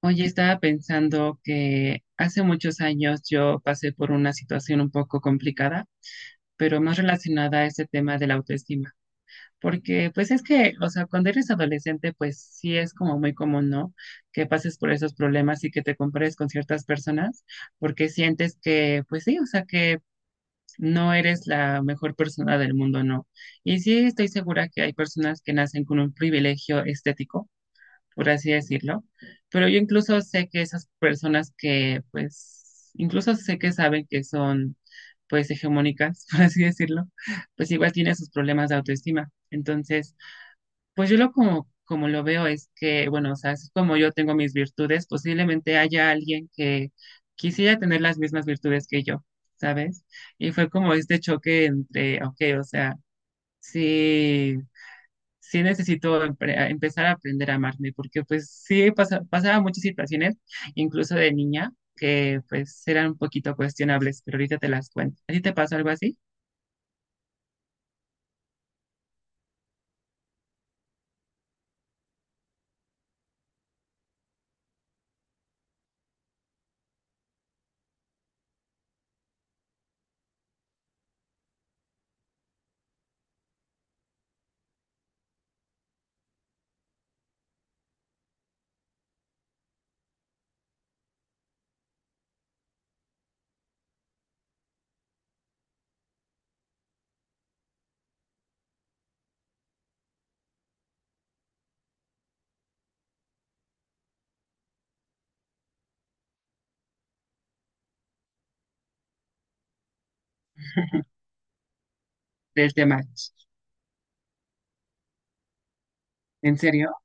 Oye, estaba pensando que hace muchos años yo pasé por una situación un poco complicada, pero más relacionada a este tema de la autoestima, porque pues es que, o sea, cuando eres adolescente, pues sí es como muy común, ¿no? Que pases por esos problemas y que te compares con ciertas personas, porque sientes que, pues sí, o sea, que no eres la mejor persona del mundo, ¿no? Y sí estoy segura que hay personas que nacen con un privilegio estético, por así decirlo. Pero yo incluso sé que esas personas que, pues, incluso sé que saben que son, pues, hegemónicas, por así decirlo, pues igual tienen sus problemas de autoestima. Entonces, pues yo lo como, como lo veo es que, bueno, o sea, así como yo tengo mis virtudes, posiblemente haya alguien que quisiera tener las mismas virtudes que yo, ¿sabes? Y fue como este choque entre, ok, o sea, sí sí, necesito empezar a aprender a amarme, porque pues sí pasaba muchas situaciones, incluso de niña, que pues eran un poquito cuestionables, pero ahorita te las cuento. ¿A ti te pasó algo así? Del tema. ¿En serio?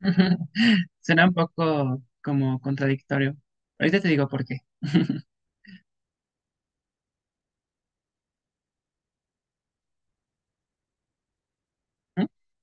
Suena un poco como contradictorio. Ahorita te digo por qué.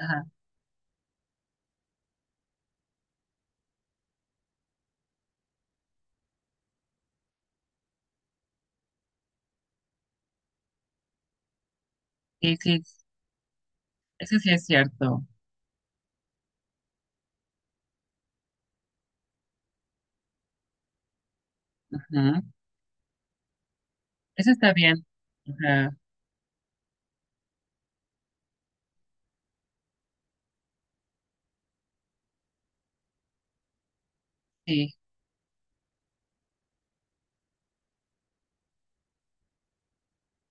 Ajá. Sí, sí, eso sí es cierto. Ujú. Eso está bien. Ajá, sí,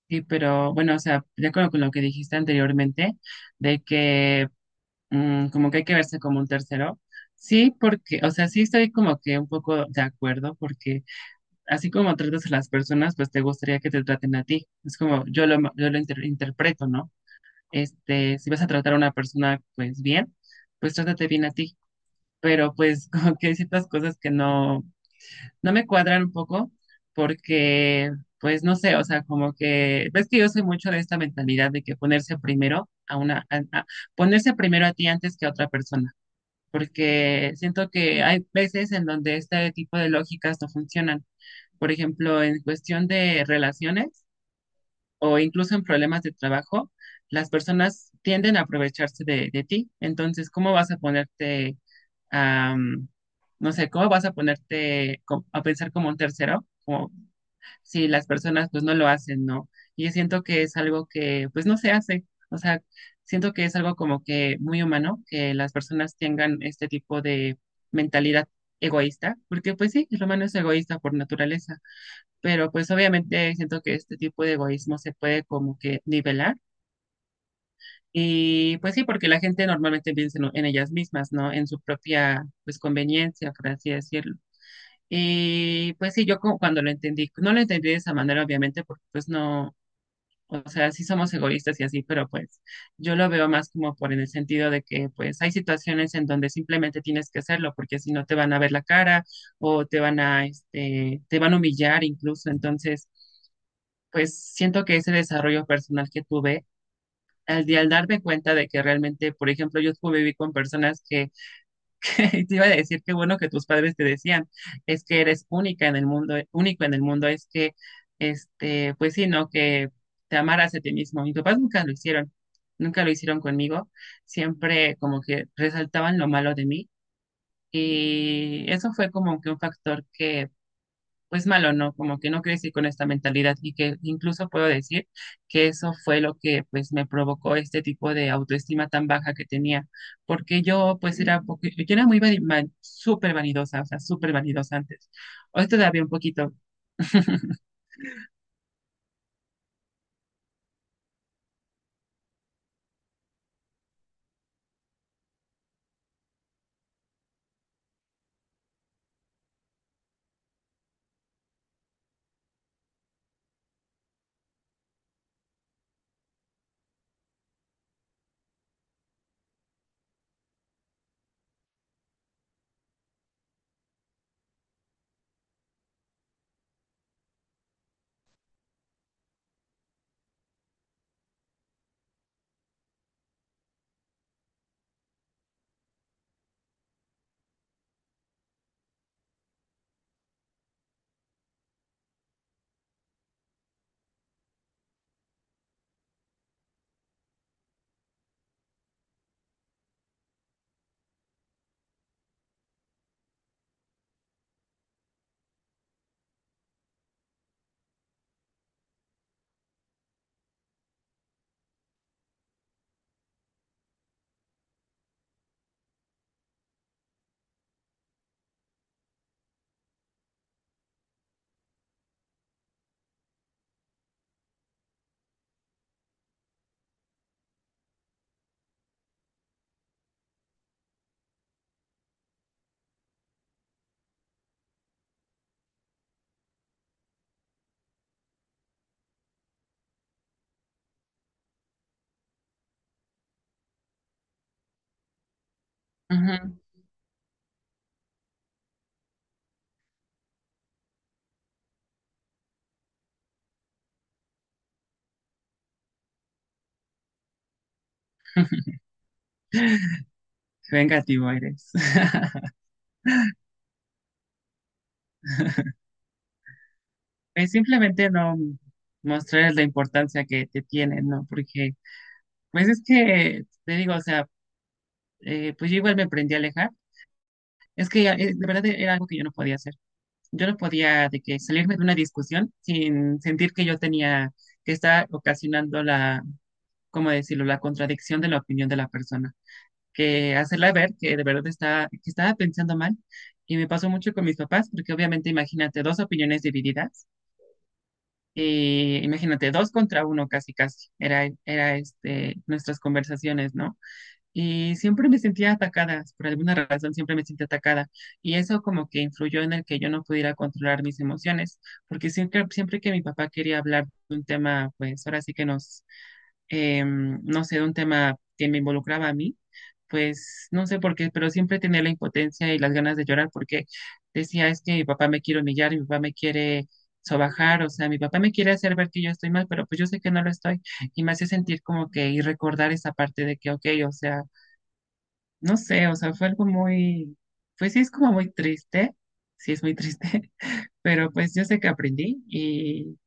sí, pero bueno, o sea, de acuerdo con lo que dijiste anteriormente, de que como que hay que verse como un tercero. Sí, porque, o sea, sí estoy como que un poco de acuerdo, porque así como tratas a las personas, pues te gustaría que te traten a ti. Es como yo lo interpreto, ¿no? Este, si vas a tratar a una persona, pues bien, pues trátate bien a ti. Pero pues como que hay ciertas cosas que no, no me cuadran un poco, porque, pues no sé, o sea, como que, ves que yo soy mucho de esta mentalidad de que ponerse primero a una, ponerse primero a ti antes que a otra persona porque siento que hay veces en donde este tipo de lógicas no funcionan. Por ejemplo, en cuestión de relaciones o incluso en problemas de trabajo, las personas tienden a aprovecharse de ti. Entonces, ¿cómo vas a ponerte a, no sé, cómo vas a ponerte a pensar como un tercero, como si las personas pues no lo hacen, ¿no? Y yo siento que es algo que pues no se hace, o sea, siento que es algo como que muy humano, que las personas tengan este tipo de mentalidad egoísta, porque pues sí, el humano es egoísta por naturaleza, pero pues obviamente siento que este tipo de egoísmo se puede como que nivelar. Y pues sí, porque la gente normalmente piensa en ellas mismas, ¿no? En su propia, pues, conveniencia, por así decirlo. Y pues sí, yo como cuando lo entendí, no lo entendí de esa manera, obviamente, porque pues no, o sea, sí somos egoístas y así, pero pues yo lo veo más como por en el sentido de que pues hay situaciones en donde simplemente tienes que hacerlo porque si no te van a ver la cara o te van a, este, te van a humillar incluso. Entonces, pues siento que ese desarrollo personal que tuve, al, al darme cuenta de que realmente, por ejemplo, yo conviví con personas que te iba a decir que bueno que tus padres te decían, es que eres única en el mundo, único en el mundo, es que, este, pues sí, ¿no? Que te amaras a ti mismo. Mis papás nunca lo hicieron, nunca lo hicieron conmigo, siempre como que resaltaban lo malo de mí y eso fue como que un factor que pues malo, ¿no? Como que no crecí con esta mentalidad y que incluso puedo decir que eso fue lo que pues me provocó este tipo de autoestima tan baja que tenía, porque yo pues era, yo era muy súper vanidosa, o sea, súper vanidosa antes. Hoy todavía un poquito. Ujú. Vengativo eres. Pues simplemente no mostrar la importancia que te tienen, ¿no? Porque pues es que, te digo, o sea, pues yo igual me aprendí a alejar. Es que de verdad era algo que yo no podía hacer. Yo no podía de que salirme de una discusión sin sentir que yo tenía que estar ocasionando la, ¿cómo decirlo?, la contradicción de la opinión de la persona, que hacerla ver que de verdad está, que estaba pensando mal. Y me pasó mucho con mis papás, porque obviamente imagínate dos opiniones divididas, y imagínate dos contra uno casi casi, era, era este, nuestras conversaciones, ¿no? Y siempre me sentía atacada, por alguna razón siempre me sentía atacada. Y eso como que influyó en el que yo no pudiera controlar mis emociones, porque siempre, siempre que mi papá quería hablar de un tema, pues ahora sí que nos, no sé, de un tema que me involucraba a mí, pues no sé por qué, pero siempre tenía la impotencia y las ganas de llorar porque decía, es que mi papá me quiere humillar, mi papá me quiere sobajar, o sea, mi papá me quiere hacer ver que yo estoy mal, pero pues yo sé que no lo estoy y me hacía sentir como que y recordar esa parte de que, ok, o sea, no sé, o sea, fue algo muy, pues sí es como muy triste, sí es muy triste, pero pues yo sé que aprendí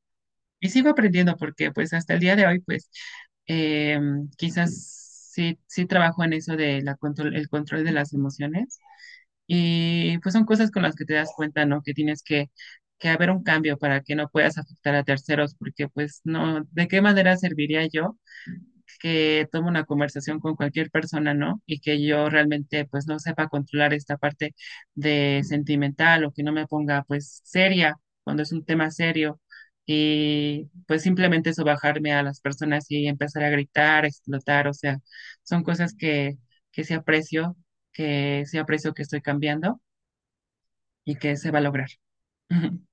y sigo aprendiendo porque pues hasta el día de hoy pues eh, quizás sí, sí trabajo en eso de la control, el control de las emociones y pues son cosas con las que te das cuenta, ¿no? Que tienes que haber un cambio para que no puedas afectar a terceros porque pues no, ¿de qué manera serviría yo? Que tome una conversación con cualquier persona, ¿no? Y que yo realmente pues no sepa controlar esta parte de sentimental o que no me ponga pues seria cuando es un tema serio y pues simplemente eso bajarme a las personas y empezar a gritar, a explotar, o sea, son cosas que sí aprecio, que sí aprecio que estoy cambiando y que se va a lograr.